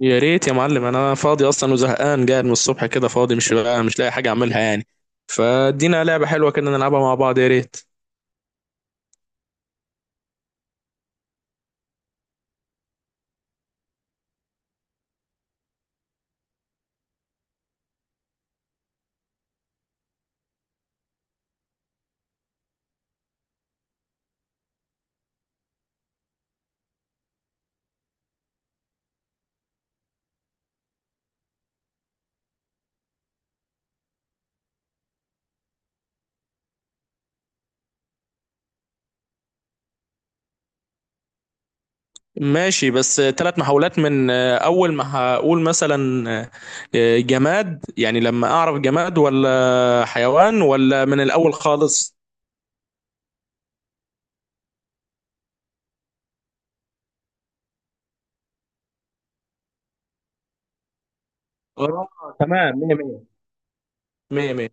يا ريت يا معلم، انا فاضي اصلا وزهقان، قاعد من الصبح كده فاضي. مش لاقي حاجه اعملها يعني. فادينا لعبه حلوه كده نلعبها مع بعض، يا ريت. ماشي، بس ثلاث محاولات من اول ما هقول مثلا جماد، يعني لما اعرف جماد ولا حيوان ولا من الاول خالص؟ اه، تمام. مية مية. مية مية.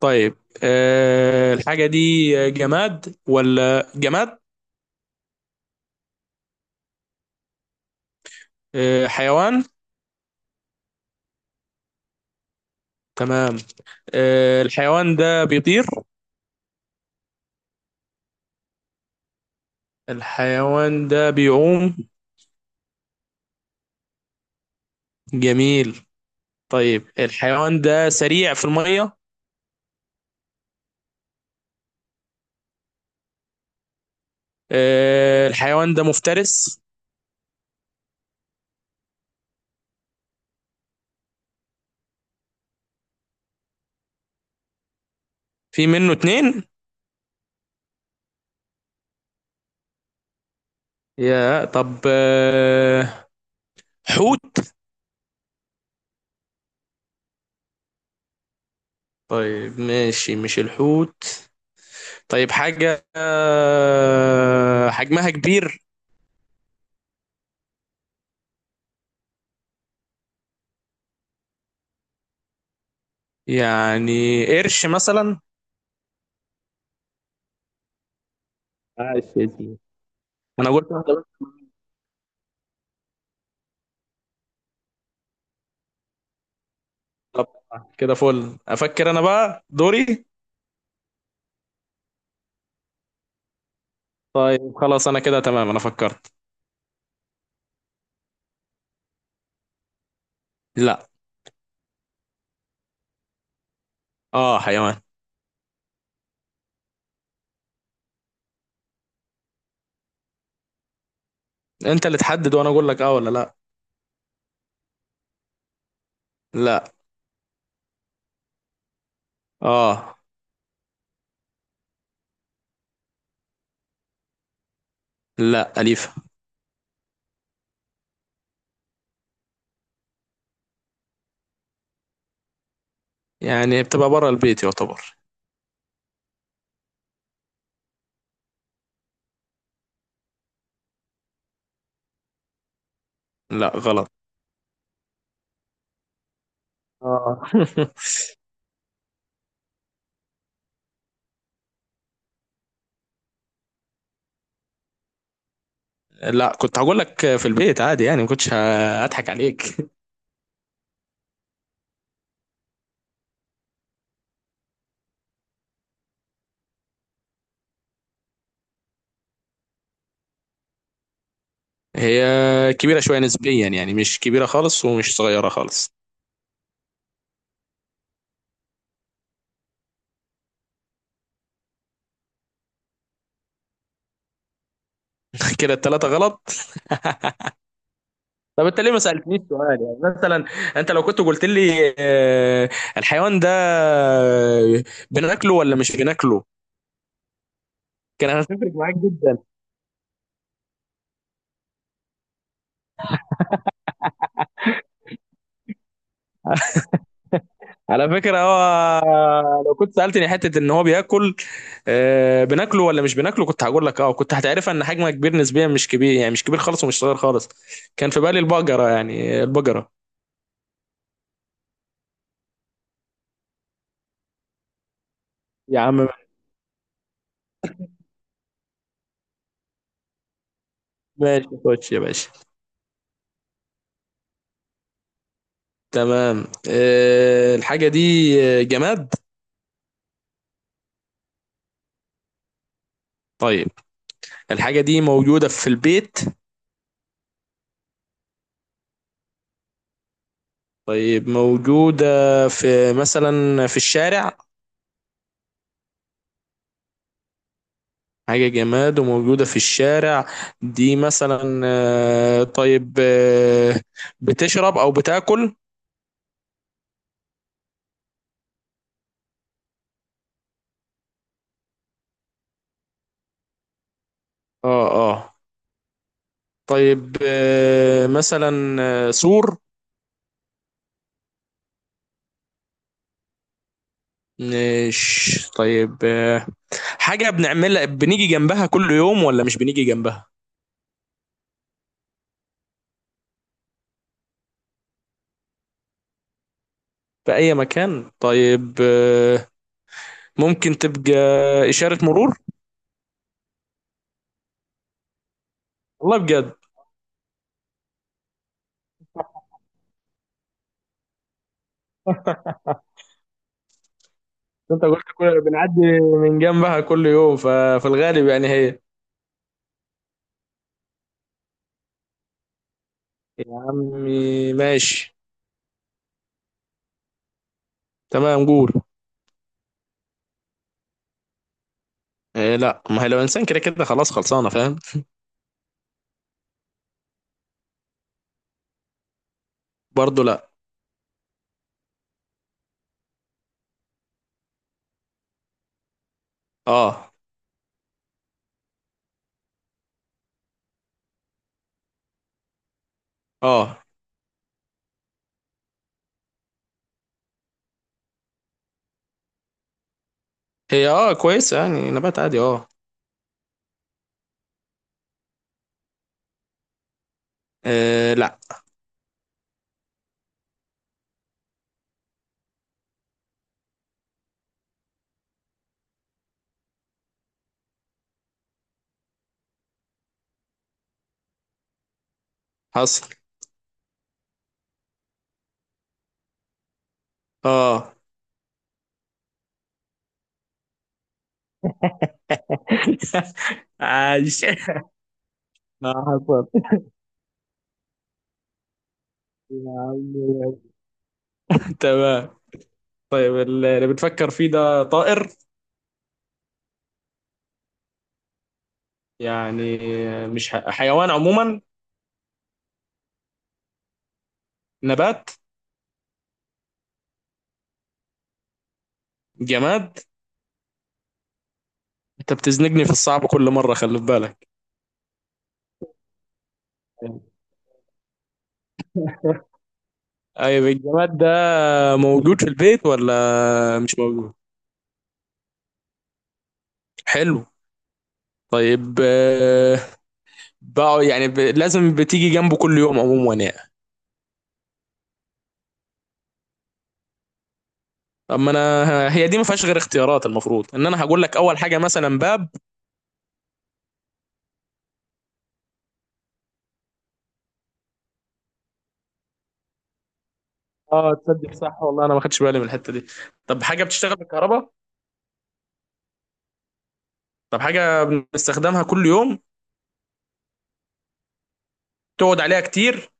طيب، الحاجه دي جماد ولا جماد؟ حيوان؟ تمام. الحيوان ده بيطير؟ الحيوان ده بيعوم؟ جميل. طيب، الحيوان ده سريع في المية؟ الحيوان ده مفترس؟ في منه اتنين؟ يا طب، حوت؟ طيب ماشي، مش الحوت. طيب، حاجة حجمها كبير؟ يعني قرش مثلا؟ عايش يا سيدي. انا قلت واحدة بس. طب كده فل، افكر انا بقى دوري. طيب خلاص، انا كده تمام، انا فكرت. لا. اه، حيوان. انت اللي تحدد وانا اقول لك اه ولا لا. لا. اه. لا، اليفه. يعني بتبقى بره البيت يعتبر. لا غلط. اه. لا، كنت هقول لك في البيت عادي، يعني ما كنتش هضحك عليك. هي كبيره شويه نسبيا، يعني مش كبيره خالص ومش صغيره خالص. كده الثلاثه غلط. طب انت ليه ما سالتنيش سؤال يعني؟ مثلا انت لو كنت قلت لي الحيوان ده بناكله ولا مش بناكله، كان هتفرق معاك جدا. على فكرة، هو لو كنت سألتني حتة ان هو بياكل، بناكله ولا مش بناكله، كنت هقول لك اه، كنت هتعرفها ان حجمه كبير نسبيا، مش كبير يعني، مش كبير خالص ومش صغير خالص. كان في بالي البقرة، يعني البقرة. يا عم ماشي، خش يا باشا. تمام. الحاجة دي جماد. طيب. الحاجة دي موجودة في البيت؟ طيب، موجودة في مثلا في الشارع؟ حاجة جماد وموجودة في الشارع. دي مثلا طيب بتشرب أو بتاكل؟ اه اه. طيب مثلا سور؟ مش. طيب حاجة بنعملها بنيجي جنبها كل يوم ولا مش بنيجي جنبها؟ في أي مكان؟ طيب ممكن تبقى إشارة مرور؟ والله بجد. انت قلت كل بنعدي من جنبها كل يوم، ففي الغالب يعني هي. يا عمي ماشي. تمام، قول. إيه؟ لا، ما هي لو انسان كده كده خلاص خلصانه فاهم. برضه لا. اه. اه. هي اه كويسه، يعني نبات عادي اه. إيه؟ لا. حصل. اه. عايش. ما حصل. يا عم تمام. طيب اللي بتفكر فيه ده طائر؟ يعني مش حيوان عموما؟ نبات؟ جماد؟ انت بتزنقني في الصعب كل مره، خلي في بالك. طيب الجماد ده موجود في البيت ولا مش موجود؟ حلو. طيب بقى يعني لازم بتيجي جنبه كل يوم عموما يعني. اما انا هي دي ما فيهاش غير اختيارات، المفروض ان انا هقول لك اول حاجه مثلا باب. اه تصدق صح، والله انا ما خدتش بالي من الحته دي. طب حاجه بتشتغل بالكهرباء؟ طب حاجه بنستخدمها كل يوم؟ تقعد عليها كتير؟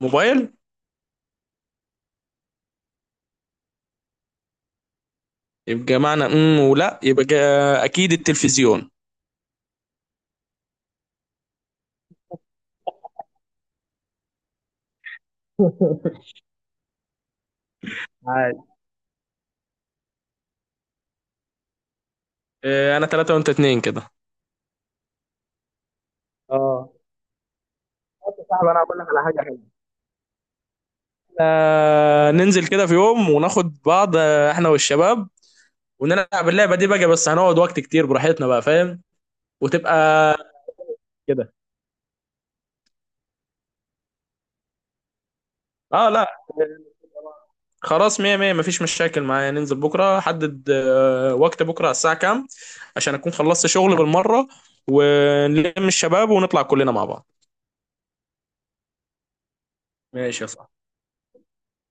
موبايل؟ يبقى معنى ولا، يبقى اكيد التلفزيون. عادي. انا 3-2 كده. اه. بص يا صاحبي، انا هقول لك على حاجه حلوه. ننزل كده في يوم وناخد بعض، احنا والشباب، ونلعب اللعبه دي بقى، بس هنقعد وقت كتير براحتنا بقى فاهم. وتبقى كده. اه لا، خلاص مية مية، مفيش مشاكل معايا. ننزل بكرة، حدد وقت بكرة على الساعة كام؟ عشان أكون خلصت شغل بالمرة ونلم الشباب ونطلع كلنا مع بعض. ماشي يا صاحبي.